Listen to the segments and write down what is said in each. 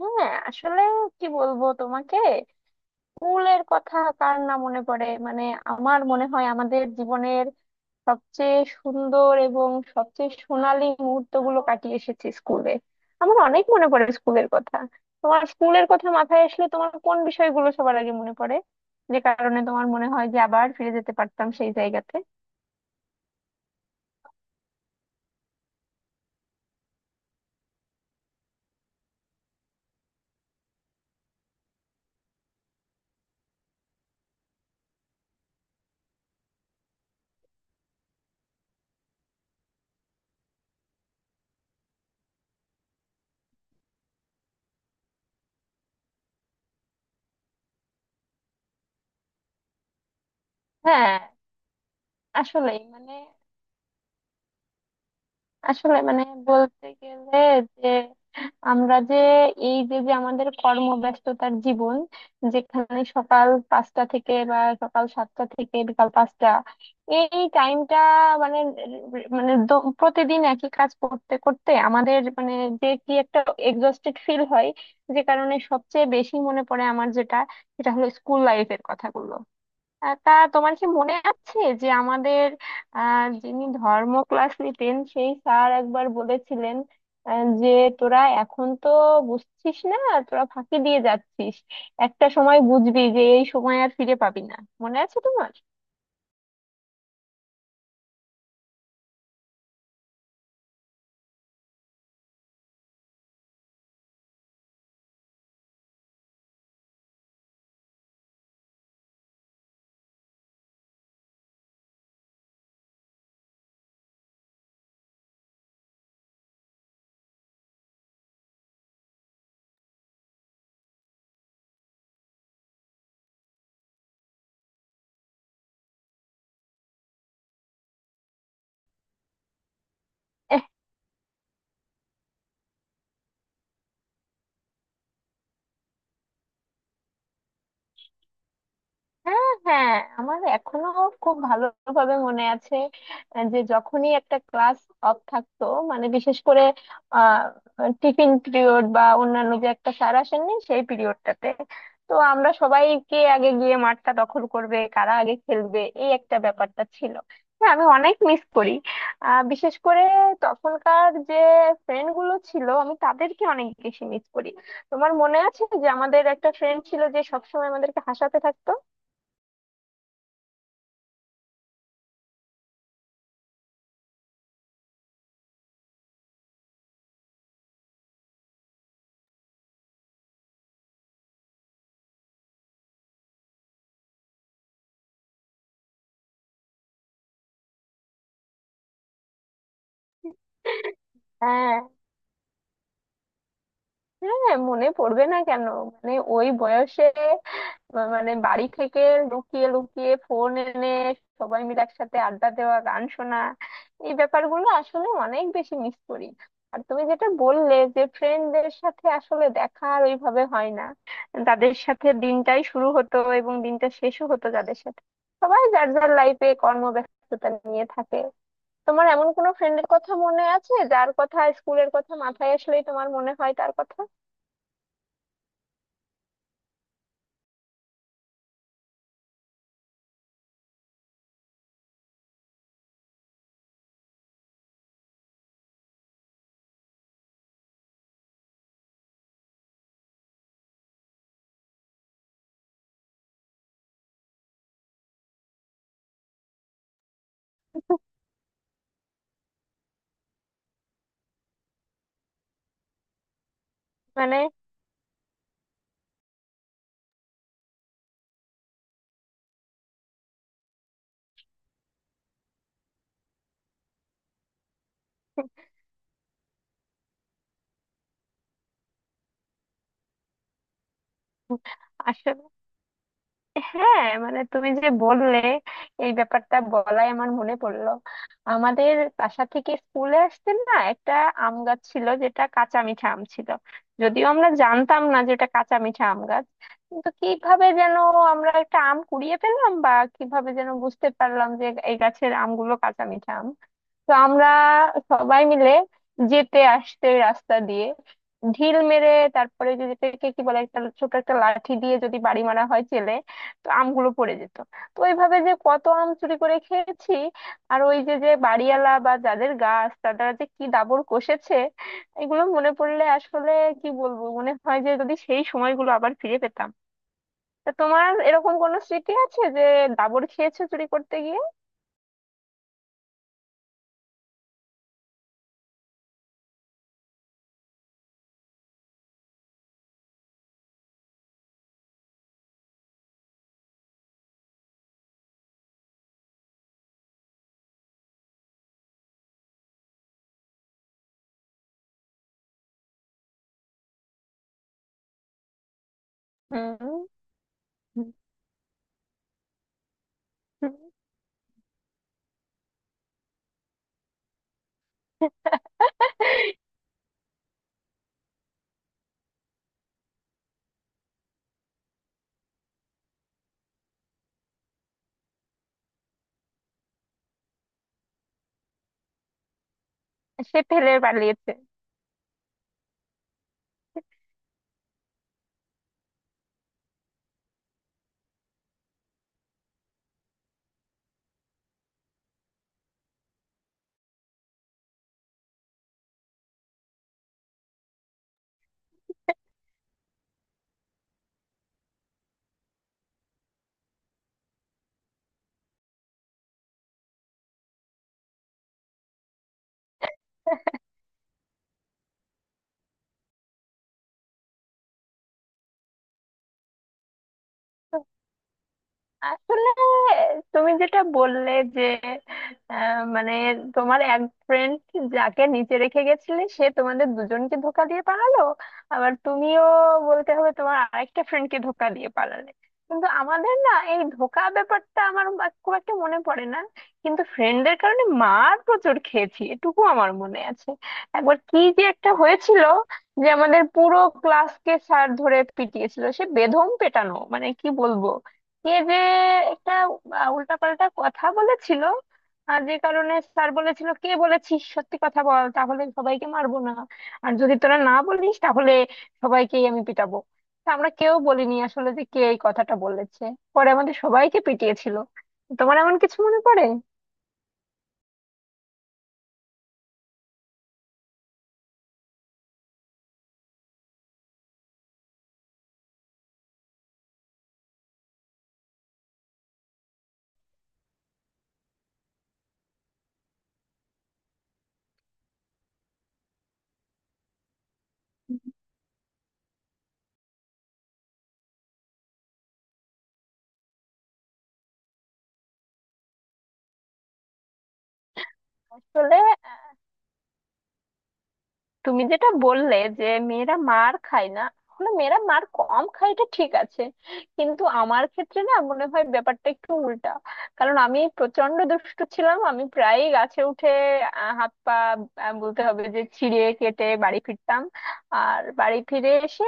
হ্যাঁ, আসলে কি বলবো তোমাকে। স্কুলের কথা কার না মনে পড়ে? মানে আমার মনে হয় আমাদের জীবনের সবচেয়ে সুন্দর এবং সবচেয়ে সোনালী মুহূর্তগুলো কাটিয়ে এসেছি স্কুলে। আমার অনেক মনে পড়ে স্কুলের কথা। তোমার স্কুলের কথা মাথায় আসলে তোমার কোন বিষয়গুলো সবার আগে মনে পড়ে, যে কারণে তোমার মনে হয় যে আবার ফিরে যেতে পারতাম সেই জায়গাতে? হ্যাঁ, আসলেই মানে, আসলে মানে বলতে গেলে যে আমরা যে এই যে যে আমাদের কর্মব্যস্ততার জীবন, যেখানে সকাল পাঁচটা থেকে বা সকাল সাতটা থেকে বিকাল পাঁচটা, এই টাইমটা মানে, মানে প্রতিদিন একই কাজ করতে করতে আমাদের মানে যে কি একটা এক্সস্টেড ফিল হয়। যে কারণে সবচেয়ে বেশি মনে পড়ে আমার যেটা, সেটা হলো স্কুল লাইফের কথাগুলো। তা তোমার কি মনে আছে যে আমাদের যিনি ধর্ম ক্লাস নিতেন সেই স্যার একবার বলেছিলেন যে তোরা এখন তো বুঝছিস না, তোরা ফাঁকি দিয়ে যাচ্ছিস, একটা সময় বুঝবি যে এই সময় আর ফিরে পাবি না। মনে আছে তোমার? হ্যাঁ, হ্যাঁ, আমার এখনো খুব ভালোভাবে মনে আছে। যে যখনই একটা ক্লাস অফ থাকতো, মানে বিশেষ করে আহ টিফিন পিরিয়ড বা অন্যান্য যে একটা স্যার আসেননি সেই পিরিয়ডটাতে, তো আমরা সবাই কে আগে গিয়ে মাঠটা দখল করবে, কারা আগে খেলবে, এই একটা ব্যাপারটা ছিল। হ্যাঁ, আমি অনেক মিস করি। বিশেষ করে তখনকার যে ফ্রেন্ড গুলো ছিল, আমি তাদেরকে অনেক বেশি মিস করি। তোমার মনে আছে যে আমাদের একটা ফ্রেন্ড ছিল যে সবসময় আমাদেরকে হাসাতে থাকতো? হ্যাঁ, হ্যাঁ মনে পড়বে না কেন? মানে ওই বয়সে মানে বাড়ি থেকে লুকিয়ে লুকিয়ে ফোন এনে সবাই মিলে একসাথে আড্ডা দেওয়া, গান শোনা, এই ব্যাপারগুলো আসলে অনেক বেশি মিস করি। আর তুমি যেটা বললে যে ফ্রেন্ডদের সাথে আসলে দেখা আর ওইভাবে হয় না, তাদের সাথে দিনটাই শুরু হতো এবং দিনটা শেষও হতো, যাদের সাথে সবাই যার যার লাইফে কর্মব্যস্ততা নিয়ে থাকে। তোমার এমন কোনো ফ্রেন্ডের কথা মনে আছে যার কথা, স্কুলের কথা মাথায় আসলেই তোমার মনে হয় তার কথা? মানে আসলে হ্যাঁ, মানে তুমি যে বললে এই ব্যাপারটা বলাই আমার মনে পড়লো। আমাদের বাসা থেকে স্কুলে আসতে না একটা আম গাছ ছিল যেটা কাঁচা মিঠা আম ছিল। যদিও আমরা জানতাম না যে এটা কাঁচা মিঠা আম গাছ, কিন্তু কিভাবে যেন আমরা একটা আম কুড়িয়ে পেলাম, বা কিভাবে যেন বুঝতে পারলাম যে এই গাছের আমগুলো কাঁচা মিঠা আম। তো আমরা সবাই মিলে যেতে আসতে ওই রাস্তা দিয়ে ঢিল মেরে, তারপরে যদি এটাকে কি বলে, একটা ছোট একটা লাঠি দিয়ে যদি বাড়ি মারা হয় চেলে, তো আমগুলো পড়ে যেত। তো ওইভাবে যে কত আম চুরি করে খেয়েছি, আর ওই যে যে বাড়িওয়ালা বা যাদের গাছ তারা যে কি দাবড় কষেছে, এগুলো মনে পড়লে আসলে কি বলবো, মনে হয় যে যদি সেই সময়গুলো আবার ফিরে পেতাম। তা তোমার এরকম কোনো স্মৃতি আছে যে দাবড় খেয়েছো চুরি করতে গিয়ে? হুম। সে ফেলে পালিয়েছে? আসলে তুমি যেটা বললে যে মানে তোমার এক ফ্রেন্ড যাকে নিচে রেখে গেছিলে সে তোমাদের দুজনকে ধোকা দিয়ে পালালো, আবার তুমিও বলতে হবে তোমার আরেকটা ফ্রেন্ডকে ধোকা দিয়ে পালালে। কিন্তু আমাদের না এই ধোকা ব্যাপারটা আমার খুব একটা মনে পড়ে না, কিন্তু ফ্রেন্ডের কারণে মার প্রচুর খেয়েছি এটুকু আমার মনে আছে। একবার কি যে একটা হয়েছিল যে আমাদের পুরো ক্লাসকে স্যার ধরে পিটিয়েছিল, সে বেধম পেটানো মানে কি বলবো। কে যে একটা উল্টাপাল্টা কথা বলেছিল, আর যে কারণে স্যার বলেছিল কে বলেছিস সত্যি কথা বল, তাহলে সবাইকে মারবো না, আর যদি তোরা না বলিস তাহলে সবাইকেই আমি পিটাবো। তা আমরা কেউ বলিনি আসলে যে কে এই কথাটা বলেছে, পরে আমাদের সবাইকে পিটিয়েছিল। তোমার এমন কিছু মনে পড়ে? আসলে তুমি যেটা বললে যে মেয়েরা মার খায় না, আসলে মেয়েরা মার কম খায় এটা ঠিক আছে, কিন্তু আমার ক্ষেত্রে না মনে হয় ব্যাপারটা একটু উল্টা। কারণ আমি প্রচন্ড দুষ্টু ছিলাম, আমি প্রায়ই গাছে উঠে হাত পা বলতে হবে যে ছিঁড়ে কেটে বাড়ি ফিরতাম। আর বাড়ি ফিরে এসে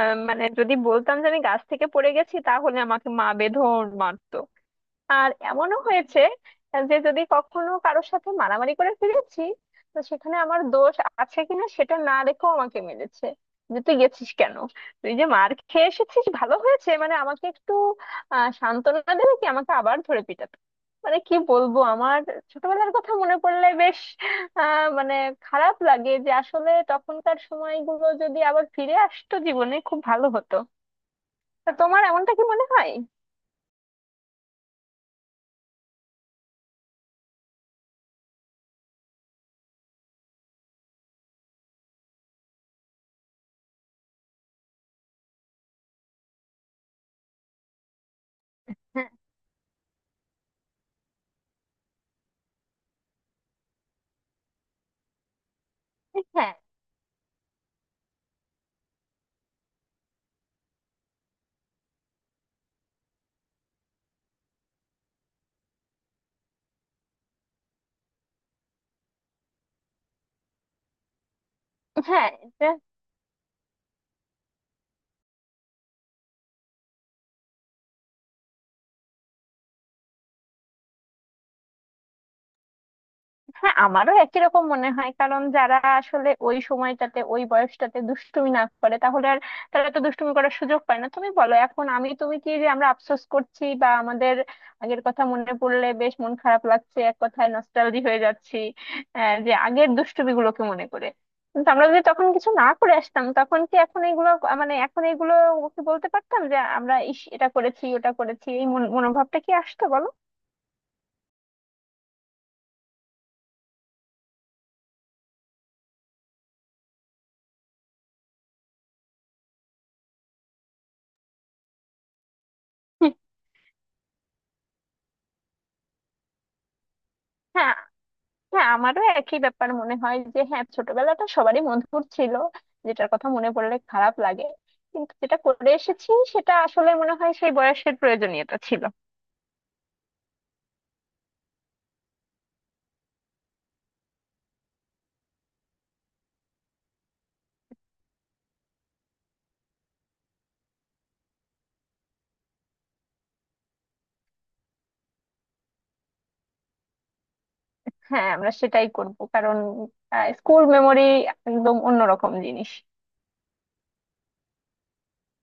মানে যদি বলতাম যে আমি গাছ থেকে পড়ে গেছি তাহলে আমাকে মা বেঁধন মারতো। আর এমনও হয়েছে যে যদি কখনো কারোর সাথে মারামারি করে ফিরেছি, তো সেখানে আমার দোষ আছে কিনা সেটা না দেখেও আমাকে মেরেছে, যে তুই গেছিস কেন, তুই যে মার খেয়ে এসেছিস ভালো হয়েছে, মানে আমাকে একটু সান্ত্বনা দেবে কি, আমাকে আবার ধরে পিটাতো। মানে কি বলবো, আমার ছোটবেলার কথা মনে পড়লে বেশ মানে খারাপ লাগে যে আসলে তখনকার সময়গুলো যদি আবার ফিরে আসতো জীবনে খুব ভালো হতো। তা তোমার এমনটা কি মনে হয়? হ্যাঁ, হ্যাঁ এটা, হ্যাঁ আমারও একই রকম মনে হয়। কারণ যারা আসলে ওই সময়টাতে ওই বয়সটাতে দুষ্টুমি না করে তাহলে আর, তারা তো দুষ্টুমি করার সুযোগ পায় না। তুমি বলো এখন আমি তুমি কি যে আমরা আফসোস করছি, বা আমাদের আগের কথা মনে পড়লে বেশ মন খারাপ লাগছে, এক কথায় নস্টালজি হয়ে যাচ্ছি যে আগের দুষ্টুমি গুলোকে মনে করে। কিন্তু আমরা যদি তখন কিছু না করে আসতাম তখন কি এখন এইগুলো, মানে এখন এইগুলো কি বলতে পারতাম যে আমরা ইস এটা করেছি ওটা করেছি, এই মনোভাবটা কি আসতো বলো? হ্যাঁ, হ্যাঁ আমারও একই ব্যাপার মনে হয় যে হ্যাঁ ছোটবেলাটা সবারই মধুর ছিল, যেটার কথা মনে পড়লে খারাপ লাগে। কিন্তু যেটা করে এসেছি সেটা আসলে মনে হয় সেই বয়সের প্রয়োজনীয়তা ছিল। হ্যাঁ আমরা সেটাই করব, কারণ স্কুল মেমোরি একদম অন্যরকম জিনিস।